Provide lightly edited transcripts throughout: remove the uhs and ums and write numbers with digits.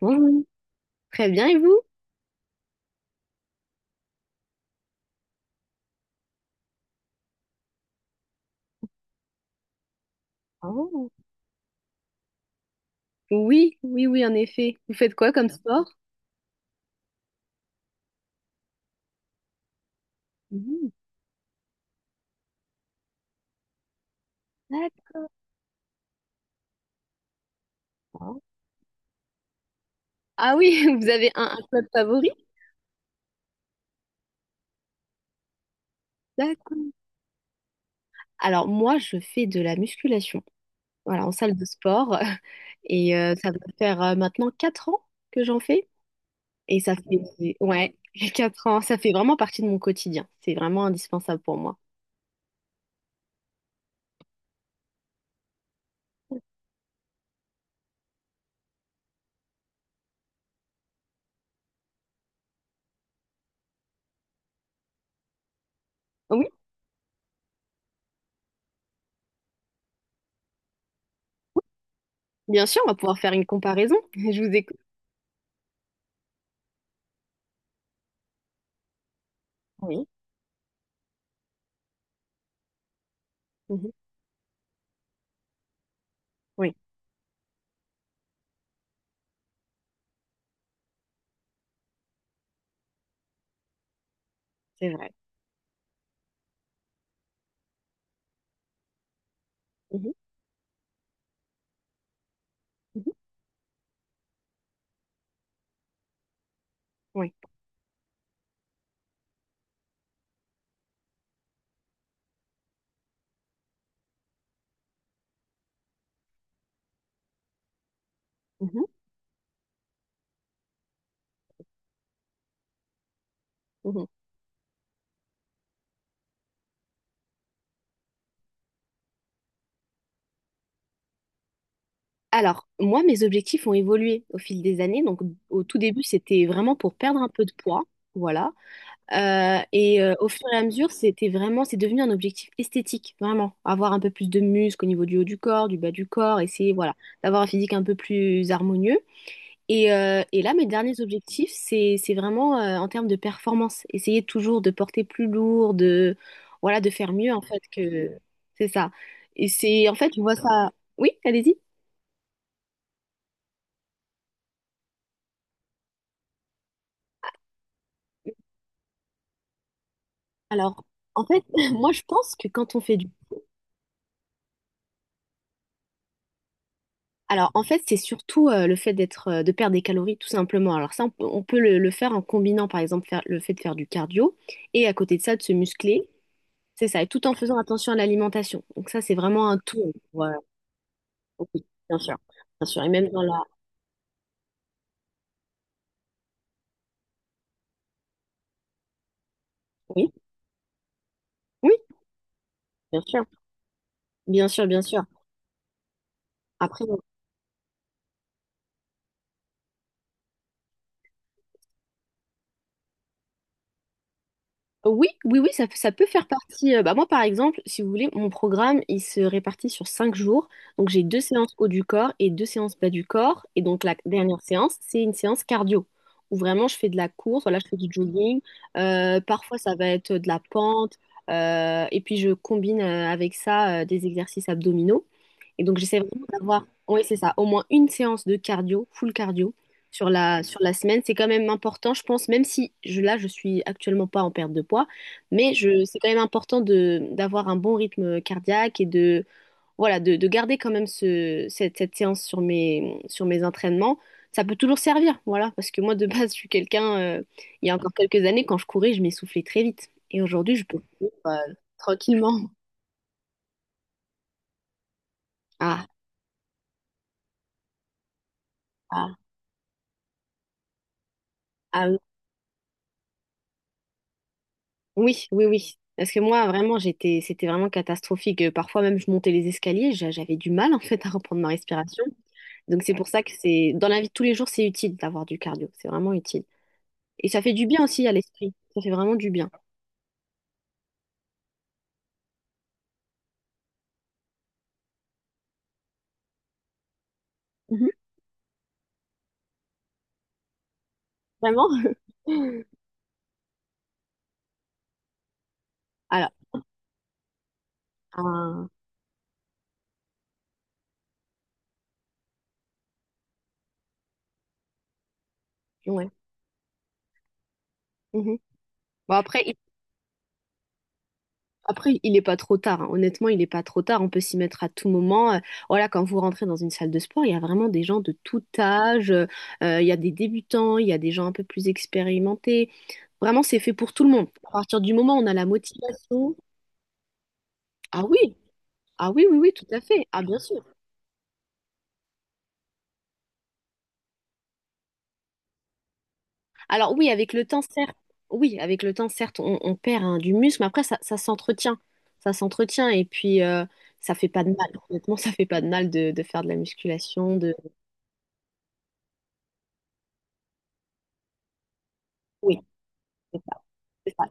Bonjour. Très bien, et vous? Oh, oui, oui, oui, en effet. Vous faites quoi comme sport? Mhm, d'accord. Ah oui, vous avez un club favori? D'accord. Alors moi, je fais de la musculation, voilà, en salle de sport. Et ça va faire maintenant 4 ans que j'en fais. Et ça fait, ouais, 4 ans, ça fait vraiment partie de mon quotidien. C'est vraiment indispensable pour moi. Oui, bien sûr, on va pouvoir faire une comparaison. Je vous écoute. Oui. Mhm. Oui, c'est vrai. Mhm. Mhm. Oui. Mhm. Mhm. Alors, moi, mes objectifs ont évolué au fil des années. Donc, au tout début, c'était vraiment pour perdre un peu de poids. Voilà. Et au fur et à mesure, c'était vraiment, c'est devenu un objectif esthétique, vraiment. Avoir un peu plus de muscles au niveau du haut du corps, du bas du corps, essayer, voilà, d'avoir un physique un peu plus harmonieux. Et là, mes derniers objectifs, c'est vraiment en termes de performance. Essayer toujours de porter plus lourd, de, voilà, de faire mieux, en fait, que c'est ça. Et c'est, en fait, je vois ça. Oui, allez-y. Alors, en fait, moi, je pense que quand on fait du… Alors, en fait, c'est surtout le fait d'être, de perdre des calories, tout simplement. Alors ça, on peut, le, faire en combinant, par exemple, faire, le fait de faire du cardio et à côté de ça, de se muscler. C'est ça, et tout en faisant attention à l'alimentation. Donc ça, c'est vraiment un tout. Voilà. Oui, bien sûr. Bien sûr. Et même dans la… Oui, oui, bien sûr. Bien sûr, bien sûr. Après, oui, oui, oui, ça peut faire partie. Bah moi, par exemple, si vous voulez, mon programme, il se répartit sur 5 jours. Donc, j'ai deux séances haut du corps et deux séances bas du corps. Et donc, la dernière séance, c'est une séance cardio, où vraiment, je fais de la course, voilà, je fais du jogging. Parfois, ça va être de la pente. Et puis, je combine avec ça des exercices abdominaux. Et donc, j'essaie vraiment d'avoir, oui, c'est ça, au moins une séance de cardio, full cardio, sur la semaine. C'est quand même important, je pense, même si je, là, je suis actuellement pas en perte de poids, mais je, c'est quand même important de, d'avoir un bon rythme cardiaque et de, voilà, de garder quand même ce, cette séance sur mes entraînements. Ça peut toujours servir, voilà, parce que moi, de base, je suis quelqu'un, il y a encore quelques années, quand je courais, je m'essoufflais très vite. Et aujourd'hui, je peux courir, tranquillement. Ah, ah, ah oui. Oui, oui, oui. Parce que moi, vraiment, j'étais, c'était vraiment catastrophique. Parfois même, je montais les escaliers, j'avais du mal en fait à reprendre ma respiration. Donc c'est pour ça que c'est dans la vie de tous les jours, c'est utile d'avoir du cardio. C'est vraiment utile. Et ça fait du bien aussi à l'esprit. Ça fait vraiment du bien. Mhm. Vraiment? Alors, un- ouais. Mhm. Bon, après, il… Après, il n'est pas trop tard. Hein. Honnêtement, il n'est pas trop tard. On peut s'y mettre à tout moment. Voilà quand vous rentrez dans une salle de sport, il y a vraiment des gens de tout âge. Il y a des débutants, il y a des gens un peu plus expérimentés. Vraiment, c'est fait pour tout le monde. À partir du moment où on a la motivation. Ah oui, ah oui, oui, oui, tout à fait. Ah bien sûr. Alors oui, avec le temps, certes, oui, avec le temps, certes, on perd hein, du muscle, mais après, ça s'entretient. Ça s'entretient. Et puis, ça fait pas de mal. Honnêtement, ça fait pas de mal de, faire de la musculation, de. Oui, c'est ça. C'est ça.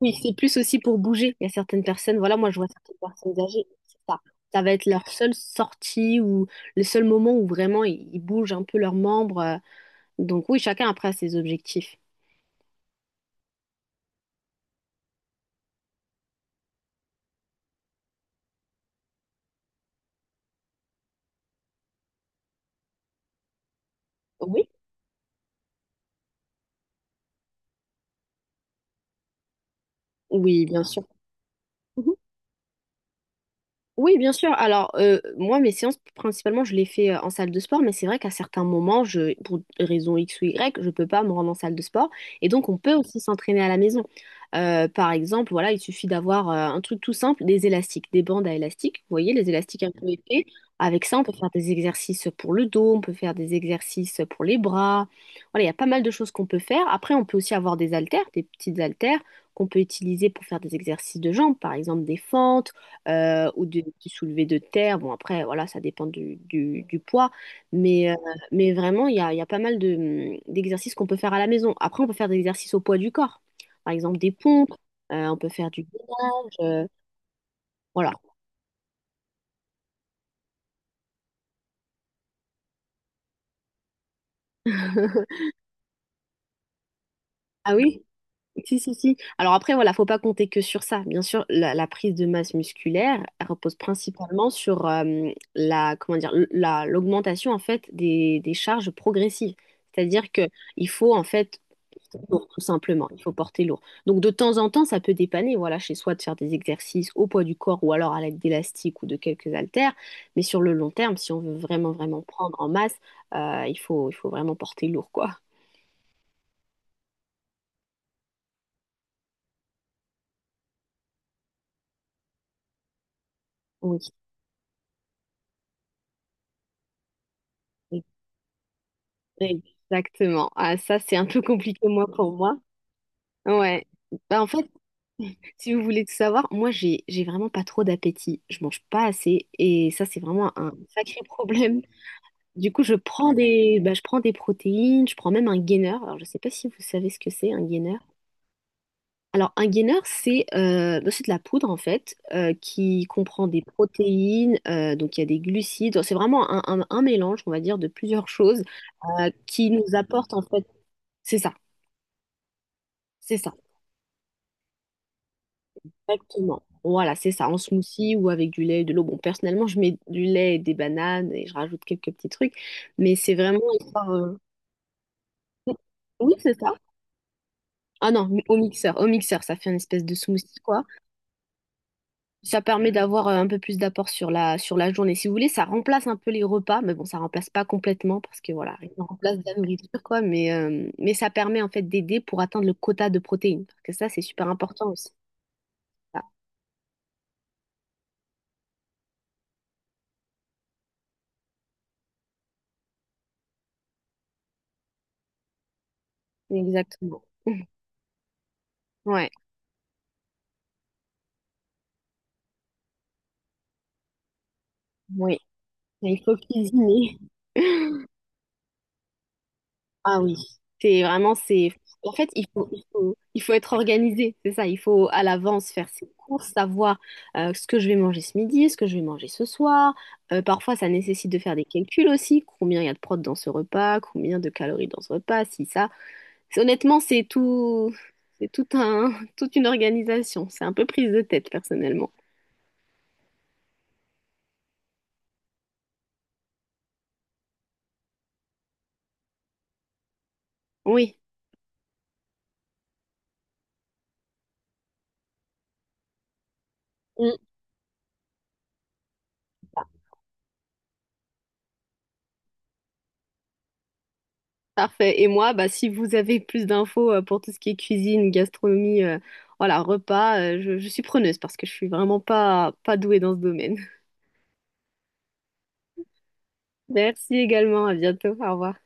Oui, c'est plus aussi pour bouger. Il y a certaines personnes, voilà, moi je vois certaines personnes âgées, c'est ça. Ça va être leur seule sortie ou le seul moment où vraiment ils bougent un peu leurs membres. Donc oui, chacun après a ses objectifs. Oui, oui, bien sûr. Oui, bien sûr. Alors, moi, mes séances, principalement, je les fais en salle de sport, mais c'est vrai qu'à certains moments, je, pour raison X ou Y, je peux pas me rendre en salle de sport. Et donc, on peut aussi s'entraîner à la maison. Par exemple, voilà, il suffit d'avoir un truc tout simple, des élastiques, des bandes à élastiques. Vous voyez, les élastiques un peu épais. Avec ça, on peut faire des exercices pour le dos, on peut faire des exercices pour les bras. Voilà, il y a pas mal de choses qu'on peut faire. Après, on peut aussi avoir des haltères, des petites haltères qu'on peut utiliser pour faire des exercices de jambes, par exemple des fentes ou du soulevé de terre. Bon, après, voilà, ça dépend du, du poids. Mais, euh, mais vraiment, il y a pas mal d'exercices qu'on peut faire à la maison. Après, on peut faire des exercices au poids du corps. Par exemple, des pompes, on peut faire du gainage, voilà. Ah oui? Si, si, si. Alors après, voilà, faut pas compter que sur ça. Bien sûr, la prise de masse musculaire, elle repose principalement sur la, comment dire, l'augmentation en fait des charges progressives. C'est-à-dire que il faut en fait porter lourd, tout simplement. Il faut porter lourd. Donc de temps en temps, ça peut dépanner, voilà, chez soi de faire des exercices au poids du corps ou alors à l'aide d'élastiques ou de quelques haltères. Mais sur le long terme, si on veut vraiment, vraiment prendre en masse, il faut vraiment porter lourd, quoi. Oui. Exactement. Ah, ça, c'est un peu compliqué, pour moi. Ouais. Bah, en fait, si vous voulez tout savoir, moi, j'ai vraiment pas trop d'appétit. Je mange pas assez. Et ça, c'est vraiment un sacré problème. Du coup, bah, je prends des protéines, je prends même un gainer. Alors, je sais pas si vous savez ce que c'est, un gainer. Alors, un gainer, c'est bah, c'est de la poudre, en fait, qui comprend des protéines, donc il y a des glucides. C'est vraiment un un mélange, on va dire, de plusieurs choses qui nous apporte en fait, c'est ça, c'est ça. Exactement. Voilà, c'est ça, en smoothie ou avec du lait et de l'eau. Bon, personnellement, je mets du lait et des bananes et je rajoute quelques petits trucs, mais c'est vraiment histoire, Oui, c'est ça. Ah non, au mixeur, ça fait une espèce de smoothie, quoi. Ça permet d'avoir un peu plus d'apport sur la journée. Si vous voulez, ça remplace un peu les repas, mais bon, ça remplace pas complètement parce que voilà, ça remplace de la nourriture, quoi, mais ça permet en fait d'aider pour atteindre le quota de protéines, parce que ça, c'est super important aussi. Ça, Exactement. Ouais, oui. Il faut cuisiner. Ah oui, c'est vraiment, c'est… En fait, il faut être organisé, c'est ça. Il faut à l'avance faire ses courses, savoir ce que je vais manger ce midi, ce que je vais manger ce soir. Parfois, ça nécessite de faire des calculs aussi. Combien il y a de prot dans ce repas, combien de calories dans ce repas, si ça. Honnêtement, c'est tout un, toute une organisation. C'est un peu prise de tête, personnellement. Oui. Mm. Parfait. Et moi, bah, si vous avez plus d'infos pour tout ce qui est cuisine, gastronomie, voilà, repas, je suis preneuse parce que je suis vraiment pas douée dans ce domaine. Merci également. À bientôt. Au revoir.